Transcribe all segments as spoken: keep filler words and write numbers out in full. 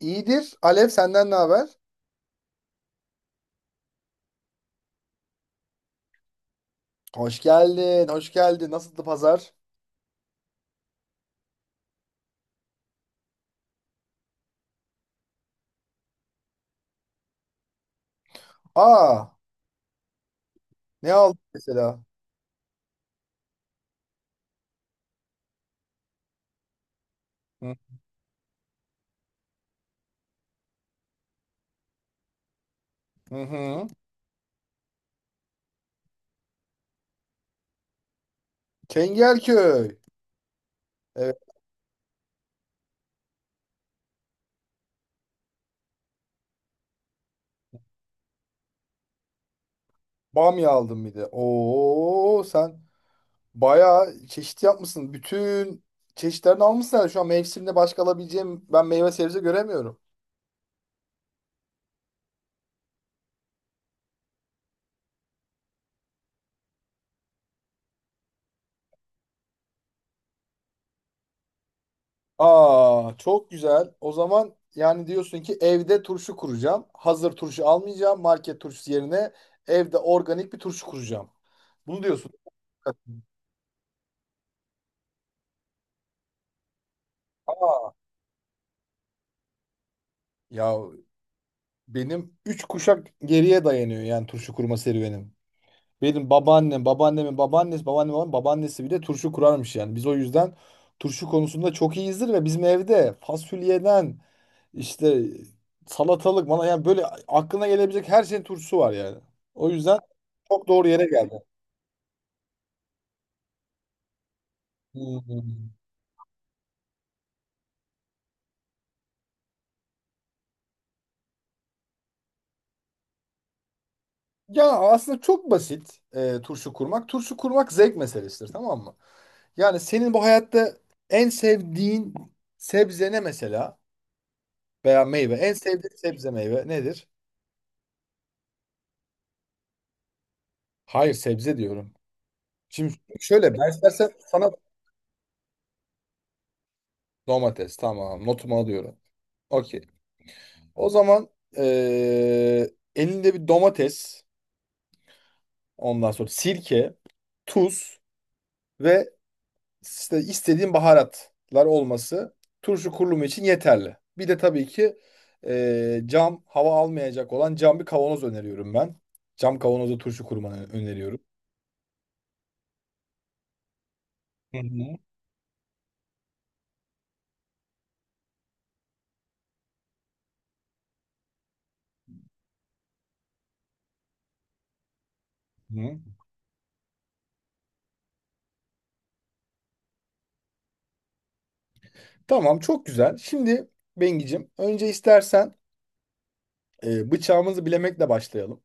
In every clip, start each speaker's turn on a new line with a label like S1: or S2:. S1: İyidir. Alev senden ne haber? Hoş geldin, hoş geldin. Nasıldı pazar? Aa, ne aldın mesela? Hı hı. Hı. Çengelköy. Evet, bamya aldım bir de. Oo, sen bayağı çeşit yapmışsın. Bütün çeşitlerini almışsın herhalde. Şu an mevsimde başka alabileceğim ben meyve sebze göremiyorum. Aa, çok güzel. O zaman yani diyorsun ki evde turşu kuracağım. Hazır turşu almayacağım. Market turşusu yerine evde organik bir turşu kuracağım. Bunu diyorsun. Aa. Ya benim üç kuşak geriye dayanıyor yani turşu kurma serüvenim. Benim babaannem, babaannemin babaannesi, babaannemin babam- babaannesi bile turşu kurarmış yani. Biz o yüzden turşu konusunda çok iyiyizdir ve bizim evde fasulyeden işte salatalık bana yani böyle aklına gelebilecek her şeyin turşusu var yani. O yüzden çok doğru yere geldi. Hmm. Ya aslında çok basit e, turşu kurmak. Turşu kurmak zevk meselesidir, tamam mı? Yani senin bu hayatta en sevdiğin sebze ne mesela? Veya meyve. En sevdiğin sebze meyve nedir? Hayır, sebze diyorum. Şimdi şöyle ben istersen sana domates, tamam, notumu alıyorum. Okey. O zaman eee, elinde bir domates, ondan sonra sirke, tuz ve işte istediğim baharatlar olması turşu kurulumu için yeterli. Bir de tabii ki e, cam, hava almayacak olan cam bir kavanoz öneriyorum ben. Cam kavanozda turşu kurmanı öneriyorum. Hı hı. Hı. Tamam, çok güzel. Şimdi Bengicim, önce istersen e, bıçağımızı bilemekle başlayalım.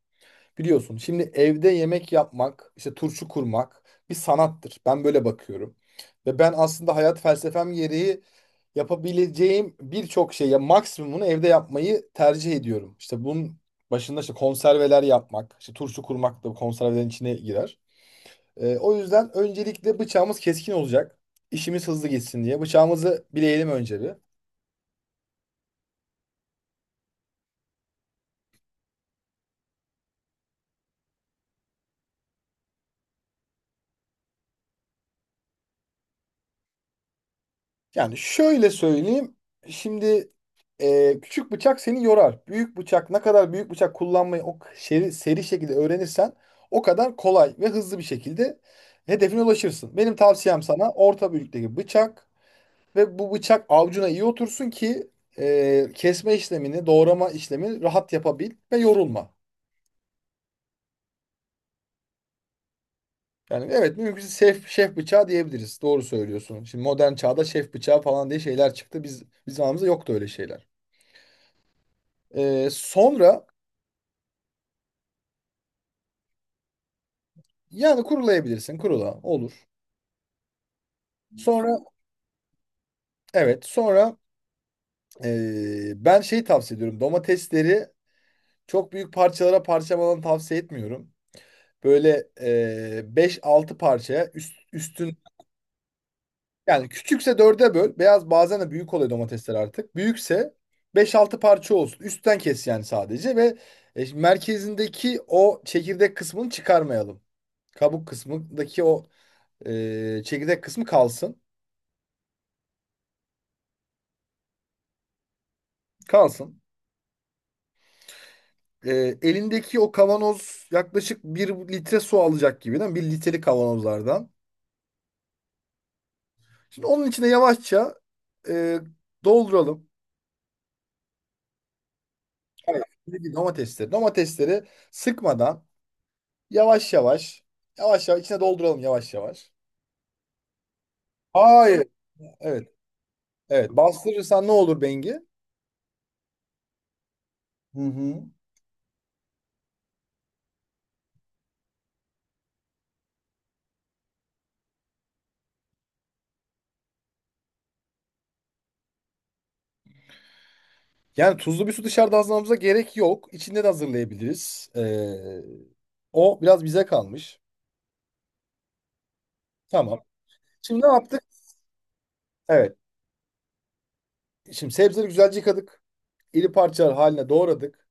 S1: Biliyorsun, şimdi evde yemek yapmak, işte turşu kurmak bir sanattır. Ben böyle bakıyorum. Ve ben aslında hayat felsefem gereği yapabileceğim birçok şey, ya maksimumunu evde yapmayı tercih ediyorum. İşte bunun başında işte konserveler yapmak, işte turşu kurmak da bu konservelerin içine girer. Ee, o yüzden öncelikle bıçağımız keskin olacak. İşimiz hızlı gitsin diye. Bıçağımızı bileyelim önce bir. Yani şöyle söyleyeyim. Şimdi e, küçük bıçak seni yorar. Büyük bıçak, ne kadar büyük bıçak kullanmayı o seri, seri şekilde öğrenirsen o kadar kolay ve hızlı bir şekilde hedefine ulaşırsın. Benim tavsiyem sana orta büyüklükteki bıçak ve bu bıçak avcuna iyi otursun ki e, kesme işlemini, doğrama işlemini rahat yapabil ve yorulma. Yani evet, mümkünse şef, şef bıçağı diyebiliriz. Doğru söylüyorsun. Şimdi modern çağda şef bıçağı falan diye şeyler çıktı. Biz, bizim zamanımızda yoktu öyle şeyler. Ee, sonra Yani kurulayabilirsin. Kurula. Olur. Sonra, evet. Sonra eee, ben şey tavsiye ediyorum. Domatesleri çok büyük parçalara parçalamanı tavsiye etmiyorum. Böyle eee beş altı parçaya üst, üstün yani, küçükse dörde böl. Beyaz, bazen de büyük oluyor domatesler artık. Büyükse beş altı parça olsun. Üstten kes yani sadece ve e, şimdi merkezindeki o çekirdek kısmını çıkarmayalım. Kabuk kısmındaki o eee, çekirdek kısmı kalsın. Kalsın. e, elindeki o kavanoz yaklaşık bir litre su alacak gibi değil mi? Bir litrelik kavanozlardan. Şimdi onun içine yavaşça e, dolduralım. Evet. Elindeki domatesleri. Domatesleri sıkmadan yavaş yavaş, yavaş yavaş içine dolduralım yavaş yavaş. Hayır. Evet. Evet. Bastırırsan ne olur Bengi? Hı hı. Yani tuzlu bir su dışarıda hazırlamamıza gerek yok. İçinde de hazırlayabiliriz. Ee, o biraz bize kalmış. Tamam. Şimdi ne yaptık? Evet. Şimdi sebzeleri güzelce yıkadık. İri parçalar haline doğradık.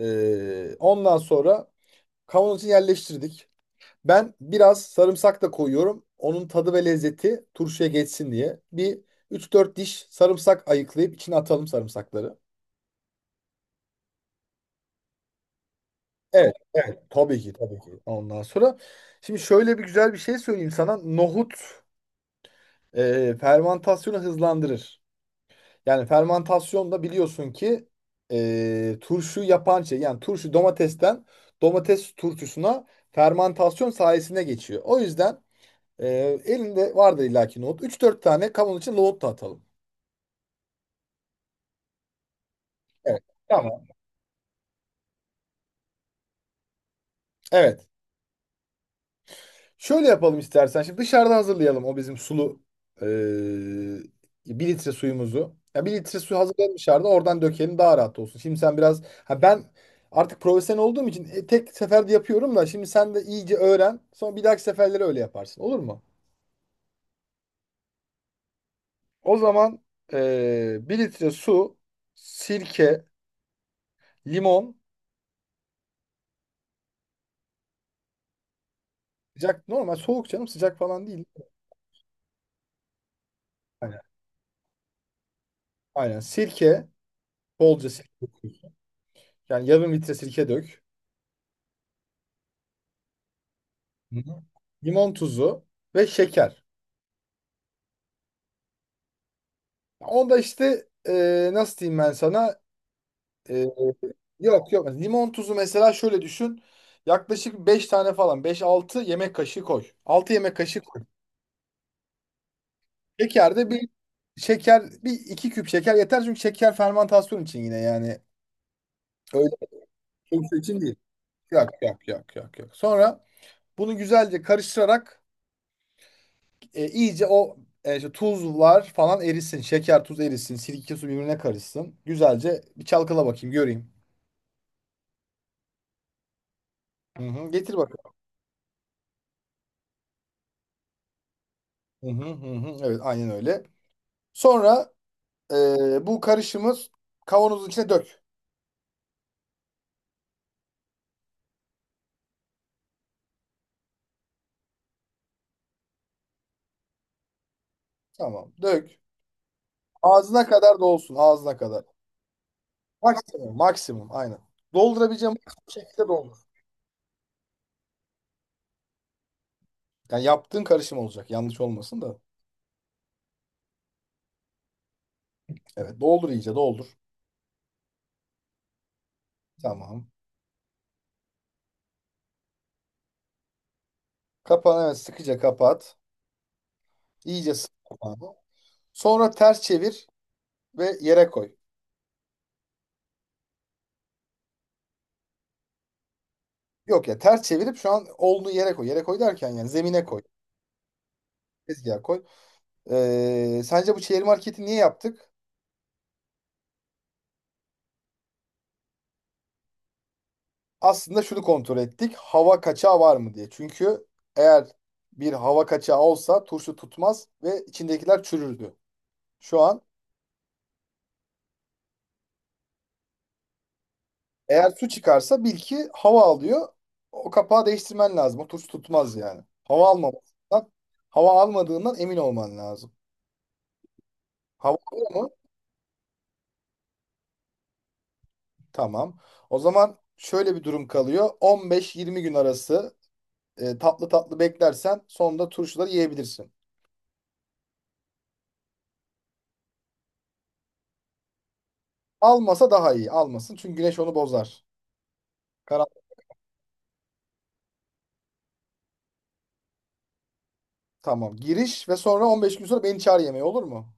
S1: Ee, ondan sonra kavanozun için yerleştirdik. Ben biraz sarımsak da koyuyorum. Onun tadı ve lezzeti turşuya geçsin diye. Bir üç dört diş sarımsak ayıklayıp içine atalım sarımsakları. Evet, evet. Tabii ki, tabii ki. Ondan sonra şimdi şöyle bir güzel bir şey söyleyeyim sana. Nohut e, fermentasyonu hızlandırır. Yani fermantasyon da biliyorsun ki e, turşu yapan şey, yani turşu domatesten domates turşusuna fermantasyon sayesinde geçiyor. O yüzden e, elinde vardır illaki nohut. Üç dört tane kavanoz için nohut da atalım. Evet. Tamam. Evet. Şöyle yapalım istersen. Şimdi dışarıda hazırlayalım o bizim sulu eee bir litre suyumuzu. Ya bir litre su hazırlayalım dışarıda, oradan dökelim daha rahat olsun. Şimdi sen biraz ha, ben artık profesyonel olduğum için e, tek seferde yapıyorum da şimdi sen de iyice öğren. Sonra bir dahaki seferleri öyle yaparsın, olur mu? O zaman eee bir litre su, sirke, limon. Sıcak normal soğuk canım, sıcak falan değil. Aynen. Aynen. Sirke, bolca sirke. Yani yarım litre sirke dök. Hı. Hı. Limon tuzu ve şeker. Onda işte e, nasıl diyeyim ben sana? E, yok yok. Limon tuzu mesela, şöyle düşün. Yaklaşık beş tane falan. Beş altı yemek kaşığı koy. Altı yemek kaşığı koy. Şeker de bir, şeker bir iki küp şeker yeter çünkü şeker fermantasyon için, yine yani öyle bir şey için değil. Yok yok yok yok yok. Sonra bunu güzelce karıştırarak, E, iyice o e, işte tuzlar falan erisin. Şeker, tuz erisin. Sirke su birbirine karışsın. Güzelce bir çalkala bakayım, göreyim. Hı hı, getir bakalım. Hı hı, hı hı. Evet, aynen öyle. Sonra e, bu karışımı kavanozun içine dök. Tamam, dök. Ağzına kadar dolsun, ağzına kadar. Maksimum, maksimum, aynen. Doldurabileceğim maksimum şekilde doldur. Yani yaptığın karışım olacak, yanlış olmasın da. Evet, doldur iyice doldur. Tamam. Kapan, evet, sıkıca kapat. İyice sık kapağını. Sonra ters çevir ve yere koy. Yok ya, ters çevirip şu an olunu yere koy. Yere koy derken yani zemine koy. Tezgaha koy. Ee, sence bu çevir marketi niye yaptık? Aslında şunu kontrol ettik. Hava kaçağı var mı diye. Çünkü eğer bir hava kaçağı olsa turşu tutmaz ve içindekiler çürürdü. Şu an eğer su çıkarsa bil ki hava alıyor. O kapağı değiştirmen lazım. O turşu tutmaz yani. Hava almamasından, hava almadığından emin olman lazım. Hava alıyor mu? Tamam. O zaman şöyle bir durum kalıyor. on beş yirmi gün arası e, tatlı tatlı beklersen sonunda turşuları yiyebilirsin. Almasa daha iyi. Almasın çünkü güneş onu bozar. Karan- Tamam. Giriş ve sonra on beş gün sonra beni çağır yemeğe, olur mu?